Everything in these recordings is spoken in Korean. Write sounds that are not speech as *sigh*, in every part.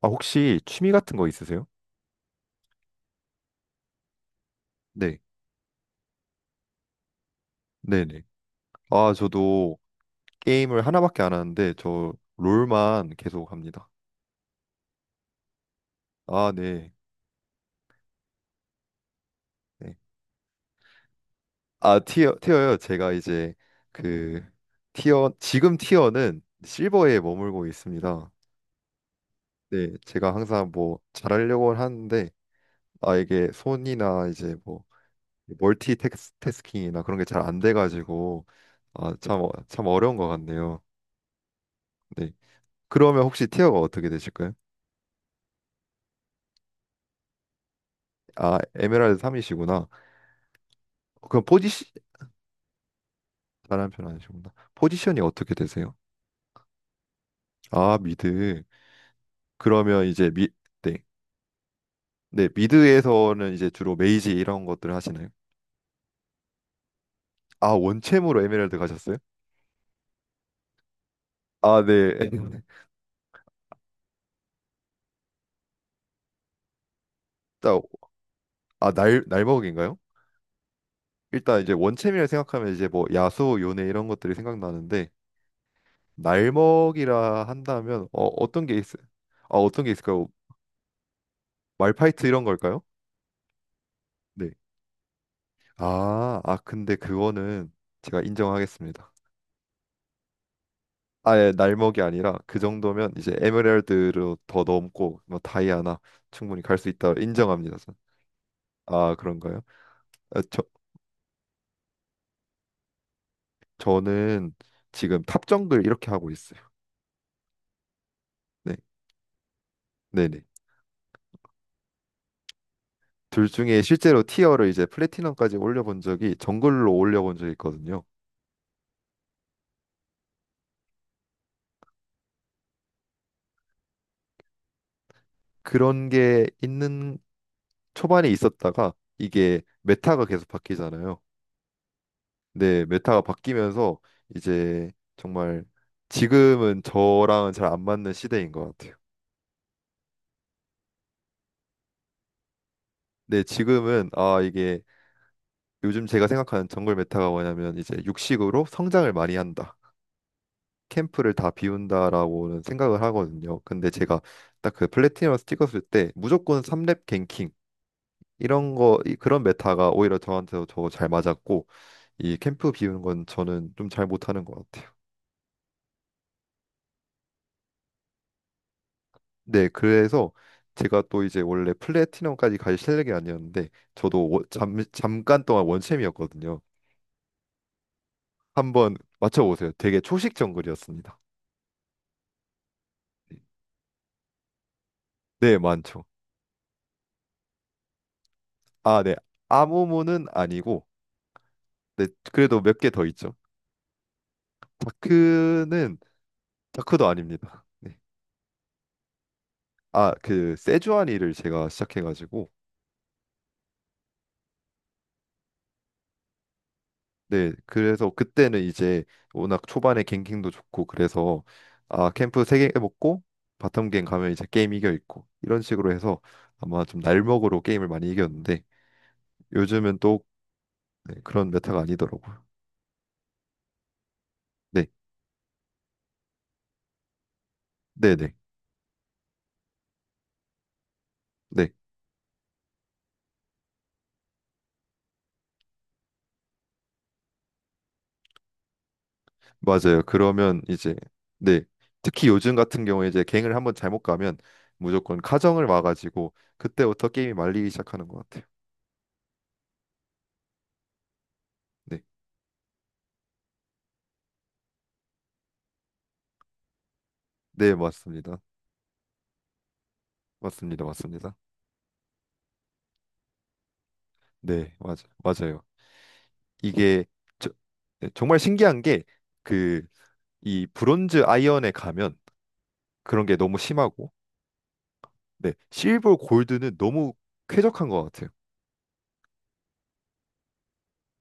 아, 혹시 취미 같은 거 있으세요? 네, 네네. 아, 저도 게임을 하나밖에 안 하는데, 저 롤만 계속 합니다. 아, 네. 네. 아, 티어, 티어요. 제가 이제 그 티어, 지금 티어는 실버에 머물고 있습니다. 네, 제가 항상 뭐 잘하려고 하는데, 아, 이게 손이나 이제 뭐 멀티태스킹이나 그런 게 잘 안 돼가지고, 아, 참, 참 어려운 것 같네요. 네. 그러면 혹시 티어가 어떻게 되실까요? 아, 에메랄드 3이시구나. 그럼 포지션 잘하는 편 아니시구나. 포지션이 어떻게 되세요? 아, 미드. 그러면 이제 미 네. 네, 미드에서는 이제 주로 메이지 이런 것들 을 하시나요? 아, 원챔으로 에메랄드 가셨어요? 아, 네. *laughs* 일단 아, 날 날먹인가요? 일단 이제 원챔이라 생각하면 이제 뭐 야수, 요네 이런 것들이 생각나는데 날먹이라 한다면 어, 어떤 게 있어요? 아, 어떤 게 있을까요? 말파이트 이런 걸까요? 네. 아, 아 근데 그거는 제가 인정하겠습니다. 아예 날먹이 아니라 그 정도면 이제 에메랄드로 더 넘고 뭐 다이아나 충분히 갈 수 있다 인정합니다. 저는. 아 그런가요? 아, 저 저는 지금 탑 정글 이렇게 하고 있어요. 네, 네네. 둘 중에 실제로 티어를 이제 플래티넘까지 올려본 적이 정글로 올려본 적이 있거든요. 그런 게 있는 초반에 있었다가 이게 메타가 계속 바뀌잖아요. 네, 메타가 바뀌면서 이제 정말 지금은 저랑은 잘 안 맞는 시대인 것 같아요. 네, 지금은 아 이게 요즘 제가 생각하는 정글 메타가 뭐냐면 이제 육식으로 성장을 많이 한다. 캠프를 다 비운다라고는 생각을 하거든요. 근데 제가 딱 그 플래티넘에서 찍었을 때 무조건 3렙 갱킹 이런 거 그런 메타가 오히려 저한테도 더 잘 맞았고 이 캠프 비우는 건 저는 좀 잘 못하는 것 같아요. 네, 그래서 제가 또 이제 원래 플래티넘까지 갈 실력이 아니었는데 저도 잠깐 동안 원챔이었거든요. 한번 맞춰보세요. 되게 초식 정글이었습니다. 네, 많죠. 아, 네. 아모모는 아니고, 네, 그래도 몇 개 더 있죠. 다크는 다크도 아닙니다. 네. 아, 그 세주아니를 제가 시작해가지고, 네, 그래서 그때는 이제 워낙 초반에 갱킹도 좋고 그래서 아 캠프 세 개 먹고 바텀 갱 가면 이제 게임 이겨 있고 이런 식으로 해서 아마 좀 날먹으로 게임을 많이 이겼는데 요즘은 또 네, 그런 메타가 아니더라고요. 네, 네, 네, 네. 맞아요. 그러면 이제 네. 특히 요즘 같은 경우에 이제 갱을 한번 잘못 가면 무조건 카정을 와가지고 그때부터 게임이 말리기 시작하는 것 같아요. 네. 네, 맞습니다. 맞습니다. 맞습니다. 네, 맞아. 맞아요. 이게 저- 네, 정말 신기한 게 그 이 브론즈 아이언에 가면 그런 게 너무 심하고 네, 실버 골드는 너무 쾌적한 것 같아요.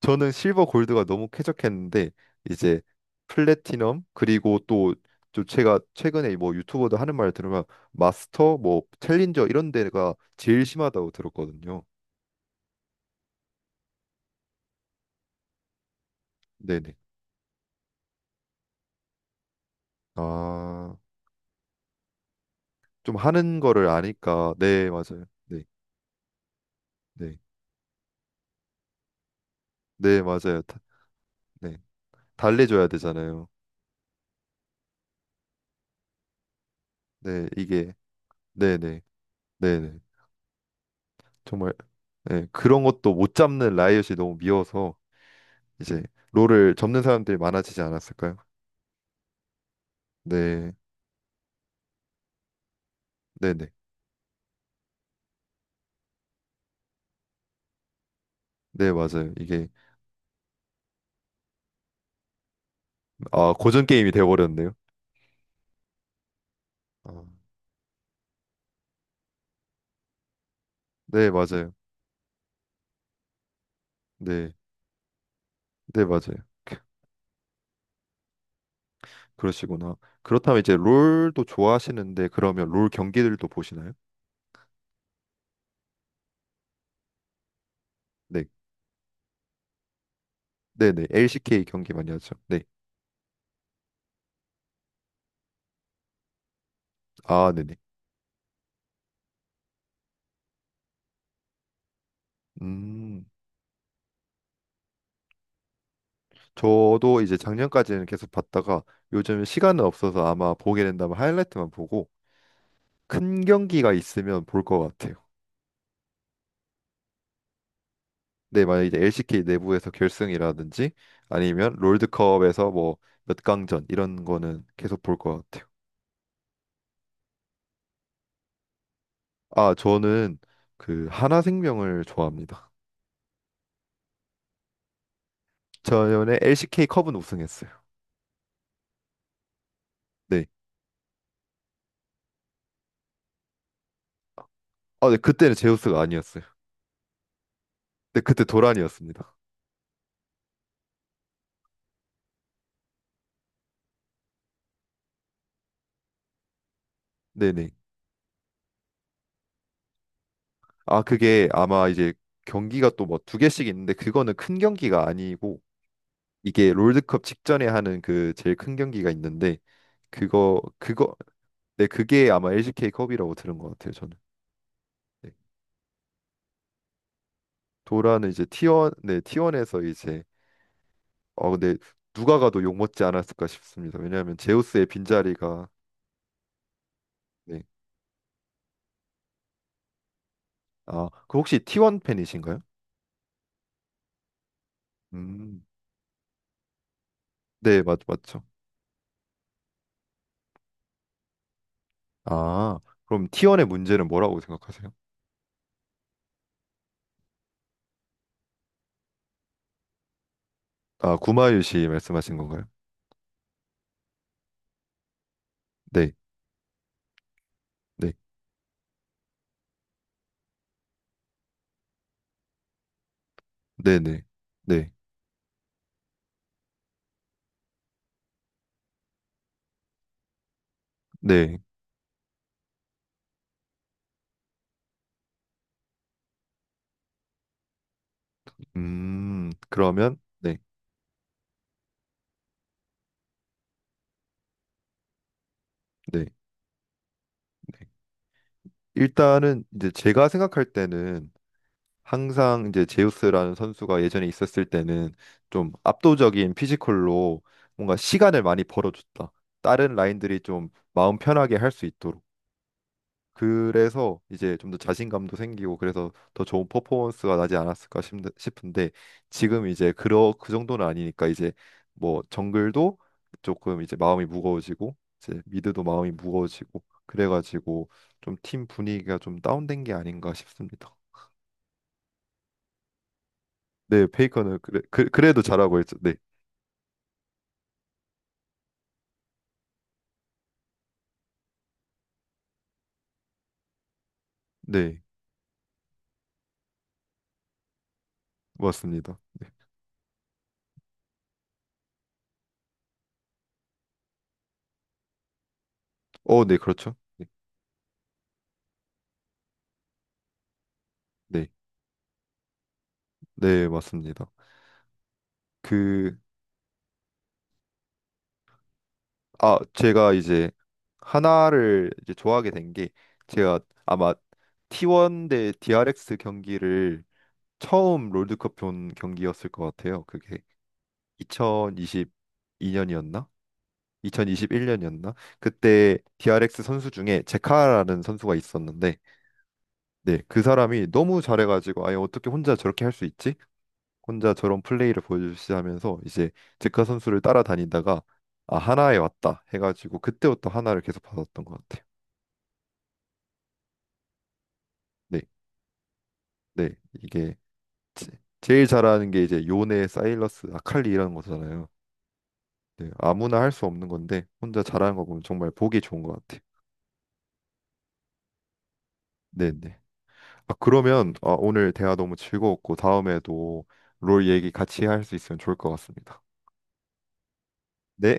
저는 실버 골드가 너무 쾌적했는데 이제 플래티넘 그리고 또 좀 제가 최근에 뭐 유튜버들 하는 말을 들으면 마스터 뭐 챌린저 이런 데가 제일 심하다고 들었거든요. 네네. 아, 좀 하는 거를 아니까 네, 맞아요. 네. 네. 네, 맞아요. 다- 네. 달래줘야 되잖아요. 네, 이게 네네. 네네. 정말 네, 그런 것도 못 잡는 라이엇이 너무 미워서 이제 롤을 접는 사람들이 많아지지 않았을까요? 네. 네네. 네, 맞아요. 이게 아, 고전 게임이 돼 버렸네요. 아, 네, 맞아요. 네. 네, 맞아요. 그러시구나. 그렇다면 이제 롤도 좋아하시는데 그러면 롤 경기들도 보시나요? 네. 네네. LCK 경기 많이 하죠. 네. 아, 네네. 음. 저도 이제 작년까지는 계속 봤다가 요즘 시간은 없어서 아마 보게 된다면 하이라이트만 보고 큰 경기가 있으면 볼 것 같아요. 네, 만약 이제 LCK 내부에서 결승이라든지 아니면 롤드컵에서 뭐 몇 강전 이런 거는 계속 볼 것 같아요. 아, 저는 그 하나생명을 좋아합니다. 전에 LCK 컵은 우승했어요. 네. 아, 네, 그때는 제우스가 아니었어요. 네, 그때 도란이었습니다. 네네. 아, 그게 아마 이제 경기가 또 뭐 두 개씩 있는데 그거는 큰 경기가 아니고 이게 롤드컵 직전에 하는 그 제일 큰 경기가 있는데 그거 네, 그게 아마 LCK 컵이라고 들은 것 같아요, 저는. 도라는 이제 T1, 네, 티원에서 이제 어 근데 누가 가도 욕먹지 않았을까 싶습니다. 왜냐하면 제우스의 빈자리가 네. 아, 그 혹시 T1 팬이신가요? 음. 네, 맞 맞죠. 아, 그럼 T1의 문제는 뭐라고 생각하세요? 아, 구마유 씨 말씀하신 건가요? 네. 네. 네, 네. 네. 네. 그러면 네. 네. 네. 일단은 이제 제가 생각할 때는 항상 이제 제우스라는 선수가 예전에 있었을 때는 좀 압도적인 피지컬로 뭔가 시간을 많이 벌어줬다. 다른 라인들이 좀 마음 편하게 할 수 있도록. 그래서 이제 좀 더 자신감도 생기고 그래서 더 좋은 퍼포먼스가 나지 않았을까 싶은데 지금 이제 그러 그 정도는 아니니까 이제 뭐 정글도 조금 이제 마음이 무거워지고 이제 미드도 마음이 무거워지고 그래가지고 좀 팀 분위기가 좀 다운된 게 아닌가 싶습니다. 네, 페이커는 그래도 잘하고 있죠. 네, 네, 맞습니다. 어, 네, 그렇죠. 네, 네, 네, 맞습니다. 그, 아, 제가 이제 하나를 이제 좋아하게 된 게 제가 아마 T1 대 DRX 경기를 처음 롤드컵 본 경기였을 것 같아요. 그게 2022년이었나? 2021년이었나? 그때 DRX 선수 중에 제카라는 선수가 있었는데 네, 그 사람이 너무 잘해가지고 아예 어떻게 혼자 저렇게 할 수 있지? 혼자 저런 플레이를 보여주시하면서 이제 제카 선수를 따라다니다가 아 하나에 왔다 해가지고 그때부터 하나를 계속 받았던 것 같아요. 네, 네 이게 제- 제일 잘하는 게 이제 요네, 사일러스, 아칼리 이라는 거잖아요. 네, 아무나 할 수 없는 건데 혼자 잘하는 거 보면 정말 보기 좋은 것 같아요. 네, 네. 아 그러면 아, 오늘 대화 너무 즐거웠고 다음에도 롤 얘기 같이 할 수 있으면 좋을 것 같습니다. 네.